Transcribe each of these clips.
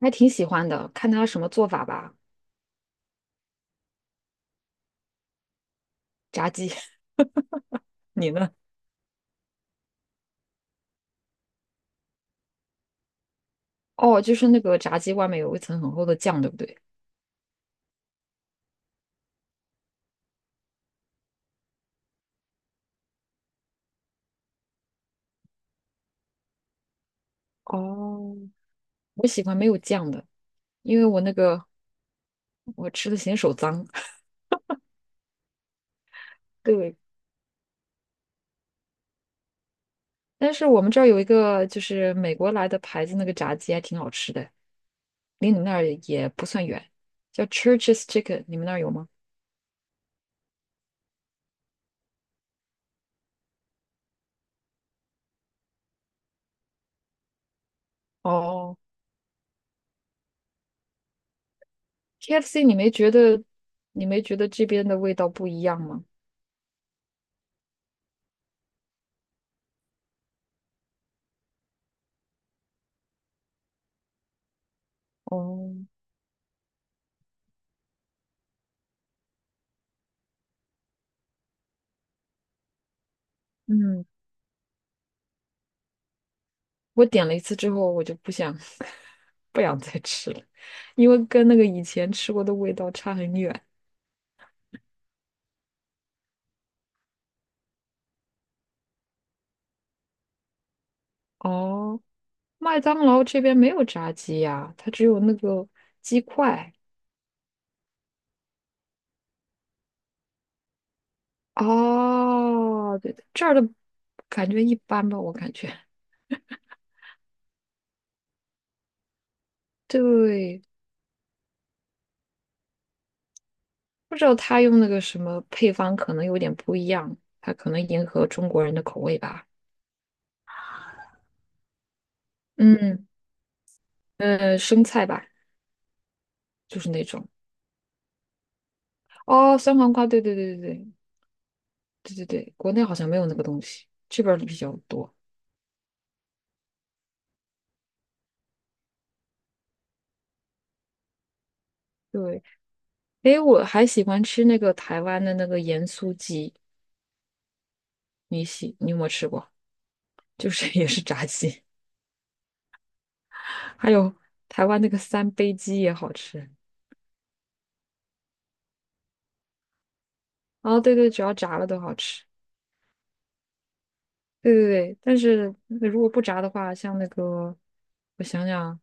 还挺喜欢的，看他什么做法吧。炸鸡，你呢？哦，就是那个炸鸡外面有一层很厚的酱，对不对？哦，我喜欢没有酱的，因为我那个我吃的嫌手脏。对，但是我们这儿有一个就是美国来的牌子，那个炸鸡还挺好吃的，离你们那儿也不算远，叫 Church's Chicken，你们那儿有吗？哦，？KFC，你没觉得这边的味道不一样吗？哦，嗯，我点了一次之后，我就不想 不想再吃了，因为跟那个以前吃过的味道差很远。哦，麦当劳这边没有炸鸡呀，它只有那个鸡块。哦，对，这儿的感觉一般吧，我感觉。对，不知道他用那个什么配方，可能有点不一样，他可能迎合中国人的口味吧。嗯，生菜吧，就是那种。哦，酸黄瓜，对对对对对，对对对，国内好像没有那个东西，这边儿比较多。对，诶，我还喜欢吃那个台湾的那个盐酥鸡，你有没有吃过？就是也是炸鸡，还有台湾那个三杯鸡也好吃。哦，对对，只要炸了都好吃。对对对，但是如果不炸的话，像那个我想想，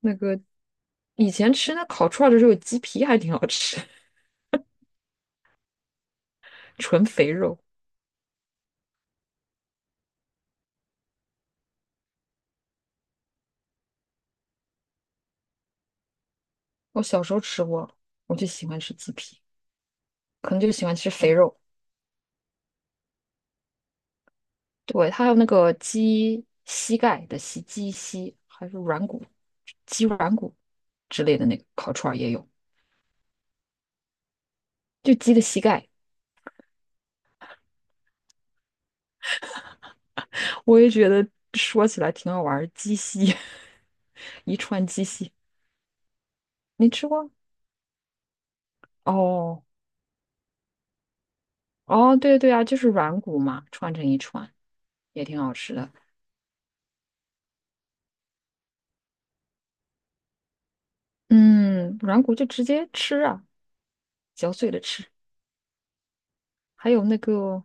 那个以前吃那烤串儿的时候，鸡皮还挺好吃，纯肥肉。我小时候吃过，我就喜欢吃鸡皮，可能就喜欢吃肥肉。对，它还有那个鸡膝盖的膝，鸡膝还是软骨、鸡软骨之类的那个烤串儿也有，就鸡的膝盖，我也觉得说起来挺好玩儿，鸡膝，一串鸡膝，你吃过？哦哦，对对啊，就是软骨嘛，串成一串也挺好吃的。嗯，软骨就直接吃啊，嚼碎了吃，还有那个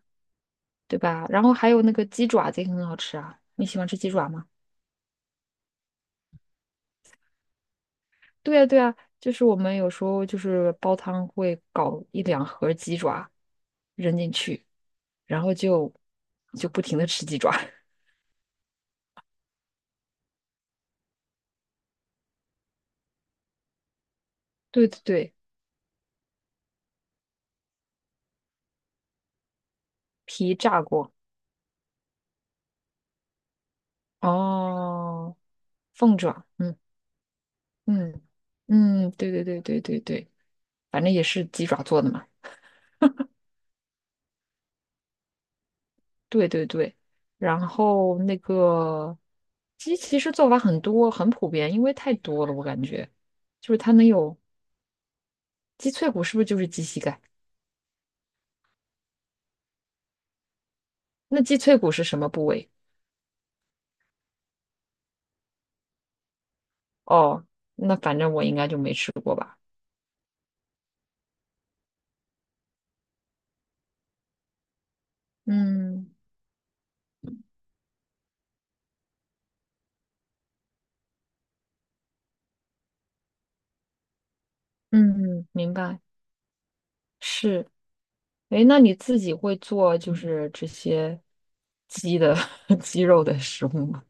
对吧？然后还有那个鸡爪子也很好吃啊，你喜欢吃鸡爪吗？对呀，对呀，就是我们有时候就是煲汤会搞一两盒鸡爪扔进去，然后就不停的吃鸡爪。对对对，皮炸过。哦，凤爪，嗯嗯嗯，对对对对对对，反正也是鸡爪做的嘛。对对对，然后那个鸡其实做法很多，很普遍，因为太多了，我感觉就是它能有鸡脆骨，是不是就是鸡膝盖？那鸡脆骨是什么部位？哦，那反正我应该就没吃过吧。嗯嗯，明白。是，哎，那你自己会做就是这些鸡的 鸡肉的食物吗？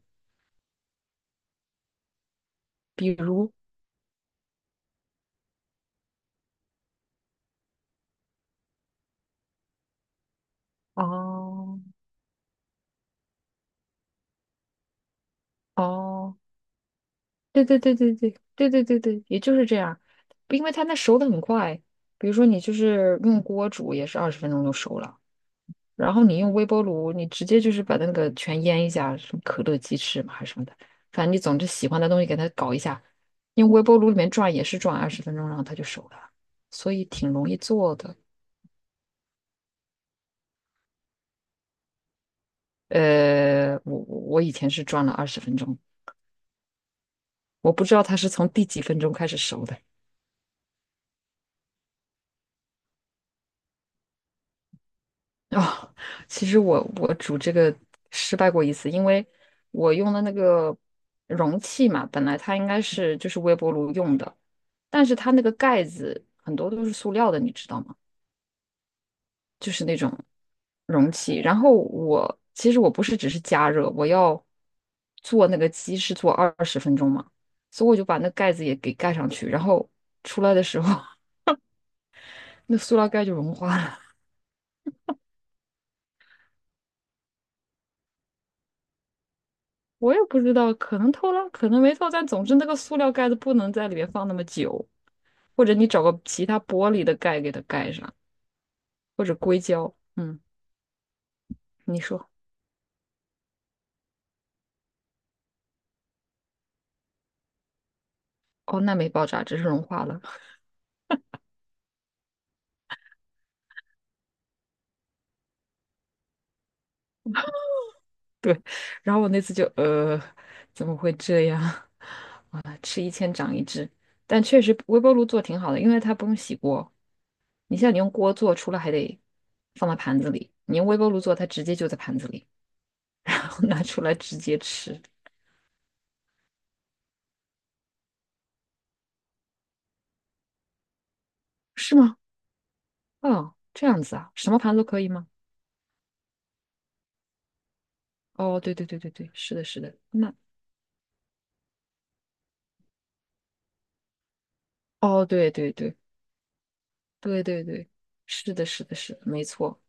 比如，哦哦，对对对对对对对对对，也就是这样，因为它那熟的很快。比如说你就是用锅煮，也是二十分钟就熟了。然后你用微波炉，你直接就是把那个全腌一下，什么可乐鸡翅嘛还是什么的，反正你总之喜欢的东西给它搞一下，用微波炉里面转也是转二十分钟，然后它就熟了，所以挺容易做的。我以前是转了二十分钟，我不知道它是从第几分钟开始熟的。哦，其实我煮这个失败过一次，因为我用的那个容器嘛，本来它应该是就是微波炉用的，但是它那个盖子很多都是塑料的，你知道吗？就是那种容器。然后我其实我不是只是加热，我要做那个鸡是做二十分钟嘛，所以我就把那盖子也给盖上去，然后出来的时候，那塑料盖就融化了。我也不知道，可能偷了，可能没偷，但总之那个塑料盖子不能在里面放那么久，或者你找个其他玻璃的盖给它盖上，或者硅胶。嗯，你说，哦，那没爆炸，只是融化了。然后我那次就，怎么会这样？啊，吃一堑长一智。但确实微波炉做挺好的，因为它不用洗锅。你像你用锅做，除了还得放到盘子里，你用微波炉做，它直接就在盘子里，然后拿出来直接吃，是吗？哦，这样子啊，什么盘都可以吗？哦，对对对对对，是的，是的，那哦，对对对对对对，是的，是的，是的，没错。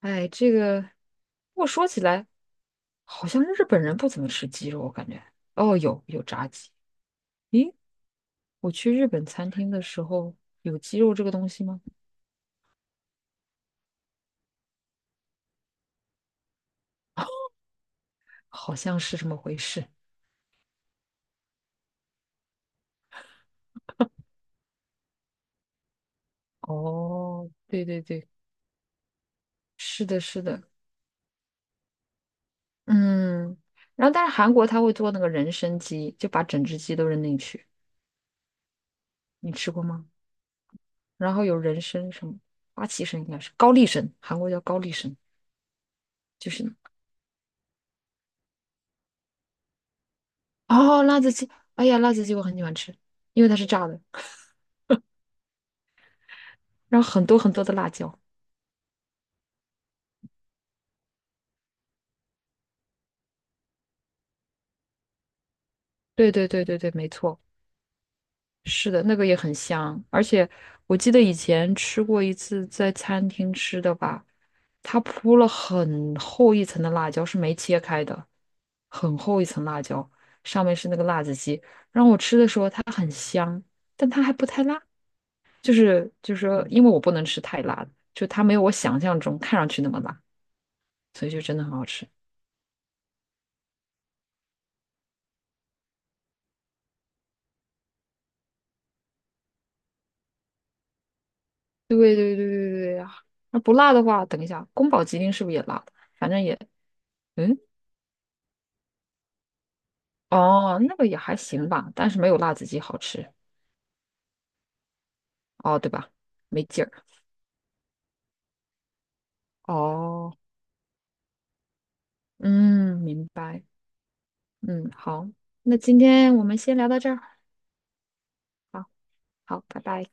哎，这个我说起来，好像日本人不怎么吃鸡肉，我感觉。哦，有炸鸡。咦，我去日本餐厅的时候，有鸡肉这个东西吗？好像是这么回事。哦，对对对，是的，是的，嗯。然后，但是韩国他会做那个人参鸡，就把整只鸡都扔进去。你吃过吗？然后有人参什么花旗参应该是高丽参，韩国叫高丽参，就是哦辣子鸡，哎呀辣子鸡我很喜欢吃，因为它是炸的，然后很多很多的辣椒。对对对对对，没错，是的，那个也很香，而且我记得以前吃过一次在餐厅吃的吧，它铺了很厚一层的辣椒，是没切开的，很厚一层辣椒，上面是那个辣子鸡，然后我吃的时候它很香，但它还不太辣。就是说，因为我不能吃太辣的，就它没有我想象中看上去那么辣，所以就真的很好吃。对对对对对呀、那不辣的话，等一下，宫保鸡丁是不是也辣的？反正也，嗯，哦，那个也还行吧，但是没有辣子鸡好吃，哦，对吧？没劲儿。哦，嗯，明白。嗯，好，那今天我们先聊到这儿。好，好，拜拜。